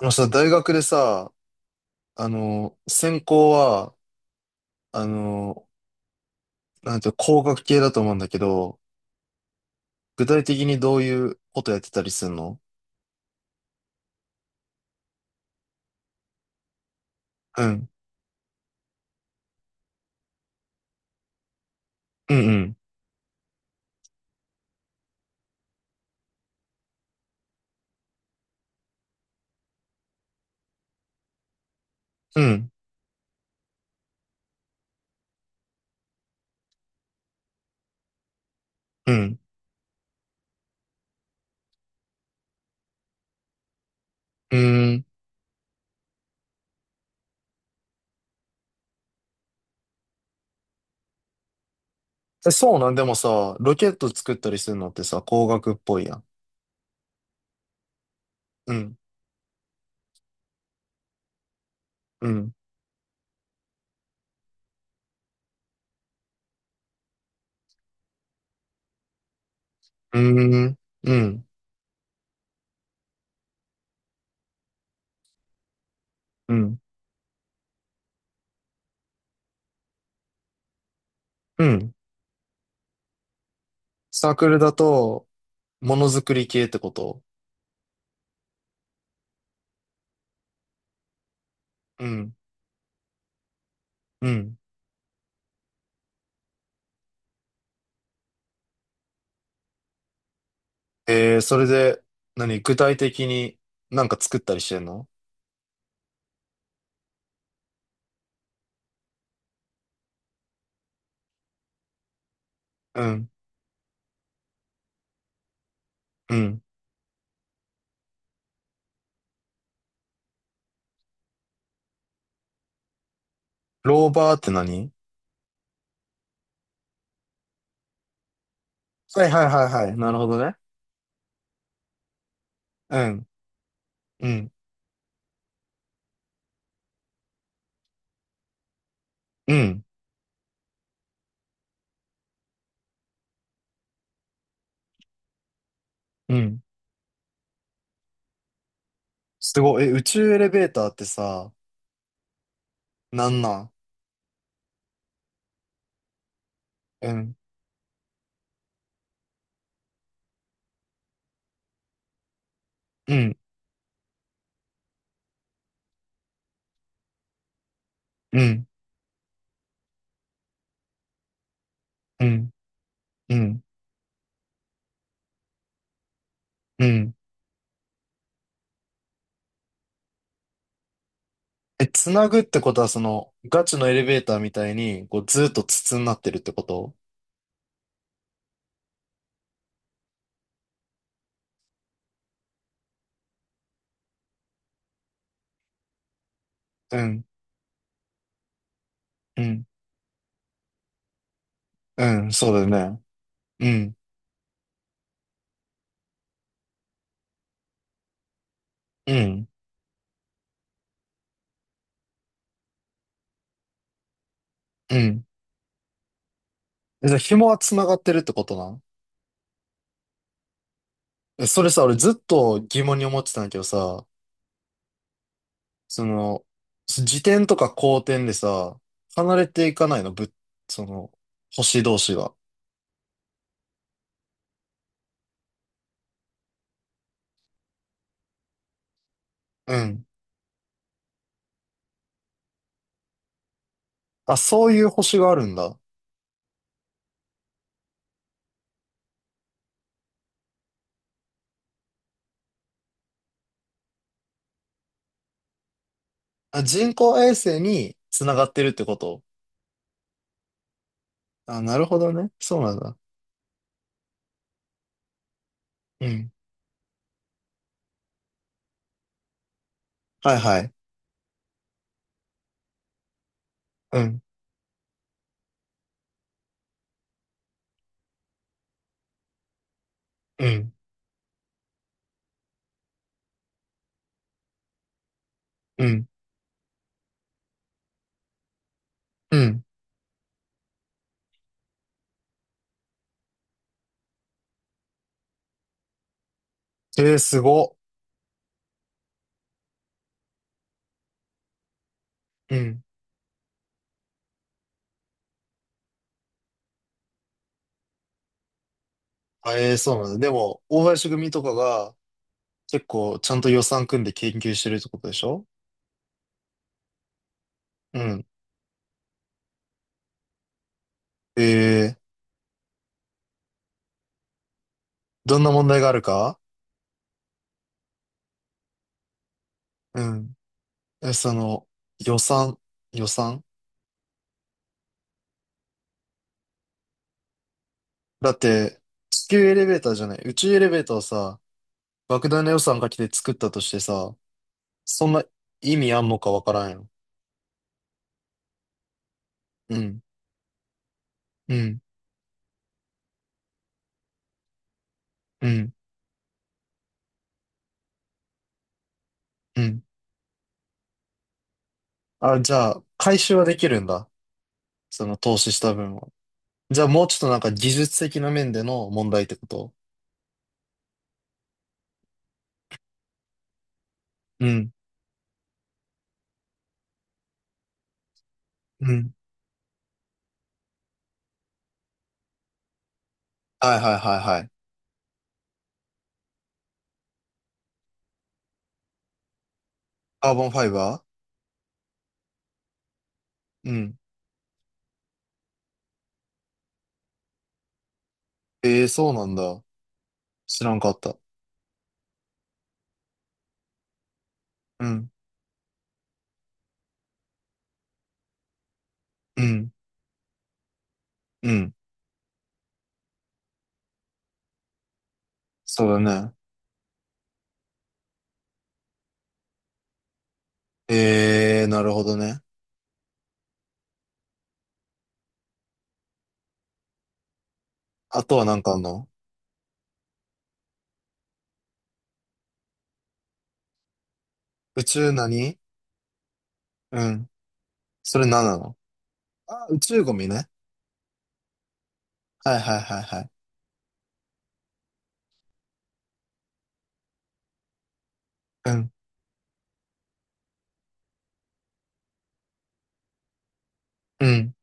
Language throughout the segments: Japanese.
あのさ、大学でさ、専攻は、あの、なんていうの、工学系だと思うんだけど、具体的にどういうことやってたりするの？うん。うんうん。うん。うん。うん。え、そうなん？でもさ、ロケット作ったりするのってさ、工学っぽいやん。うん。うん。うん。うん。うん。うん。サークルだと、ものづくり系ってこと？うん。うん。それで、何、具体的になんか作ったりしてんの？うん。うん。ローバーって何？はいはいはいはい。なるほどね。うん。うん。うん。うん。すごい。え、宇宙エレベーターってさ、なんなん？うん。うん。うん。うん。うん。うん。え、つなぐってことは、その、ガチのエレベーターみたいに、こう、ずっと筒になってるってこと？うん。うん。うん。そうだよね。うん。うん。うん。え、じゃあ、紐はつながってるってことなん？え、それさ、俺ずっと疑問に思ってたんだけどさ、その、自転とか公転でさ、離れていかないの、その、星同士が。うん。あ、そういう星があるんだ。あ、人工衛星に繋がってるってこと？あ、なるほどね。そうなんだ。うん。はいはい。うん。うん。うん。うん。えー、すご。うん。あ、えー、そうなんだ。でも、大林組とかが結構ちゃんと予算組んで研究してるってことでしょ？うん。えー、どんな問題があるか？うん。え、その、予算、予算？だって、地球エレベーターじゃない、宇宙エレベーターをさ、莫大な予算かけて作ったとしてさ、そんな意味あんのかわからんよ。うん、うん、うん、うん。あ、じゃあ、回収はできるんだ。その投資した分を。じゃあもうちょっとなんか、技術的な面での問題ってこと？うん、うん。はいはいはいはい。カーボンファイバー。うん。ええ、そうなんだ。知らんかった。うん、うん、うん。そうだね。ええー、なるほどね。あとはなんかあんの？宇宙何？うん。それ何なの？あ、宇宙ゴミね。はいはいはいはい。うん。うん。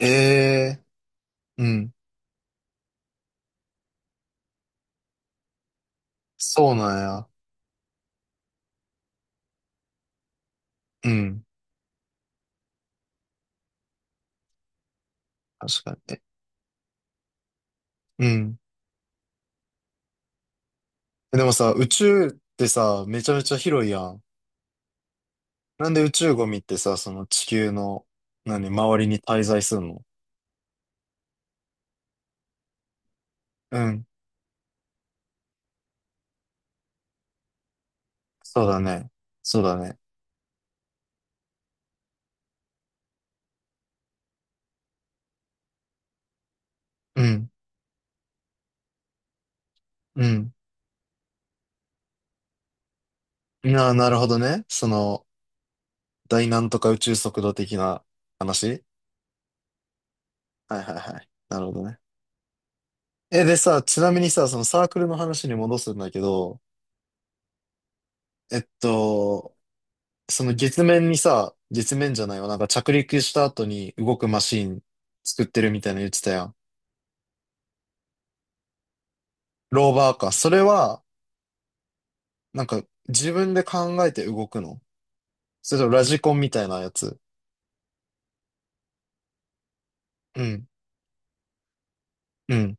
ええー、うん。そうなんや。うん。確かにね。うん。でもさ、宇宙ってさ、めちゃめちゃ広いやん。なんで宇宙ゴミってさ、その地球の、何、周りに滞在するの？うん。そうだね。そうだね。うん。うん。なるほどね。その、大なんとか宇宙速度的な話？はいはいはい。なるほどね。え、でさ、ちなみにさ、そのサークルの話に戻すんだけど、えっと、その月面にさ、月面じゃないわ、なんか着陸した後に動くマシン作ってるみたいなの言ってたやん。ローバーか。それは、なんか、自分で考えて動くの？それともラジコンみたいなやつ。うん。うん。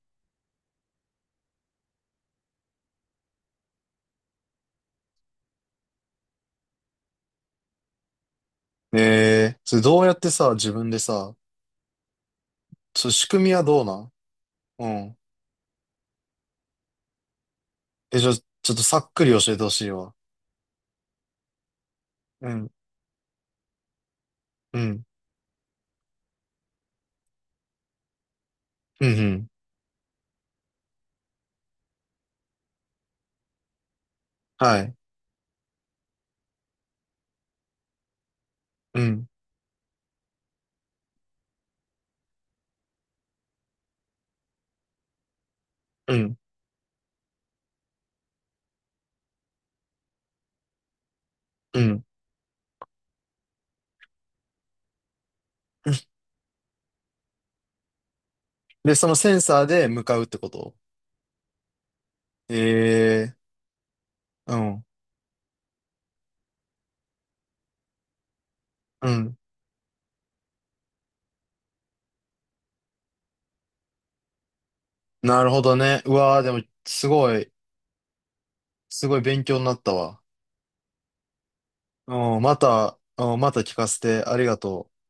ええ、それどうやってさ、自分でさ、その仕組みはどうなん？うん。え、じゃあ、ちょっとさっくり教えてほしいわ。うん。うん。うん、うん。はい。うん。うん、うん。で、そのセンサーで向かうってこと？ええー。うん、うん。なるほどね。うわー、でも、すごい、すごい勉強になったわ。うん、また、うん、また聞かせてありがとう。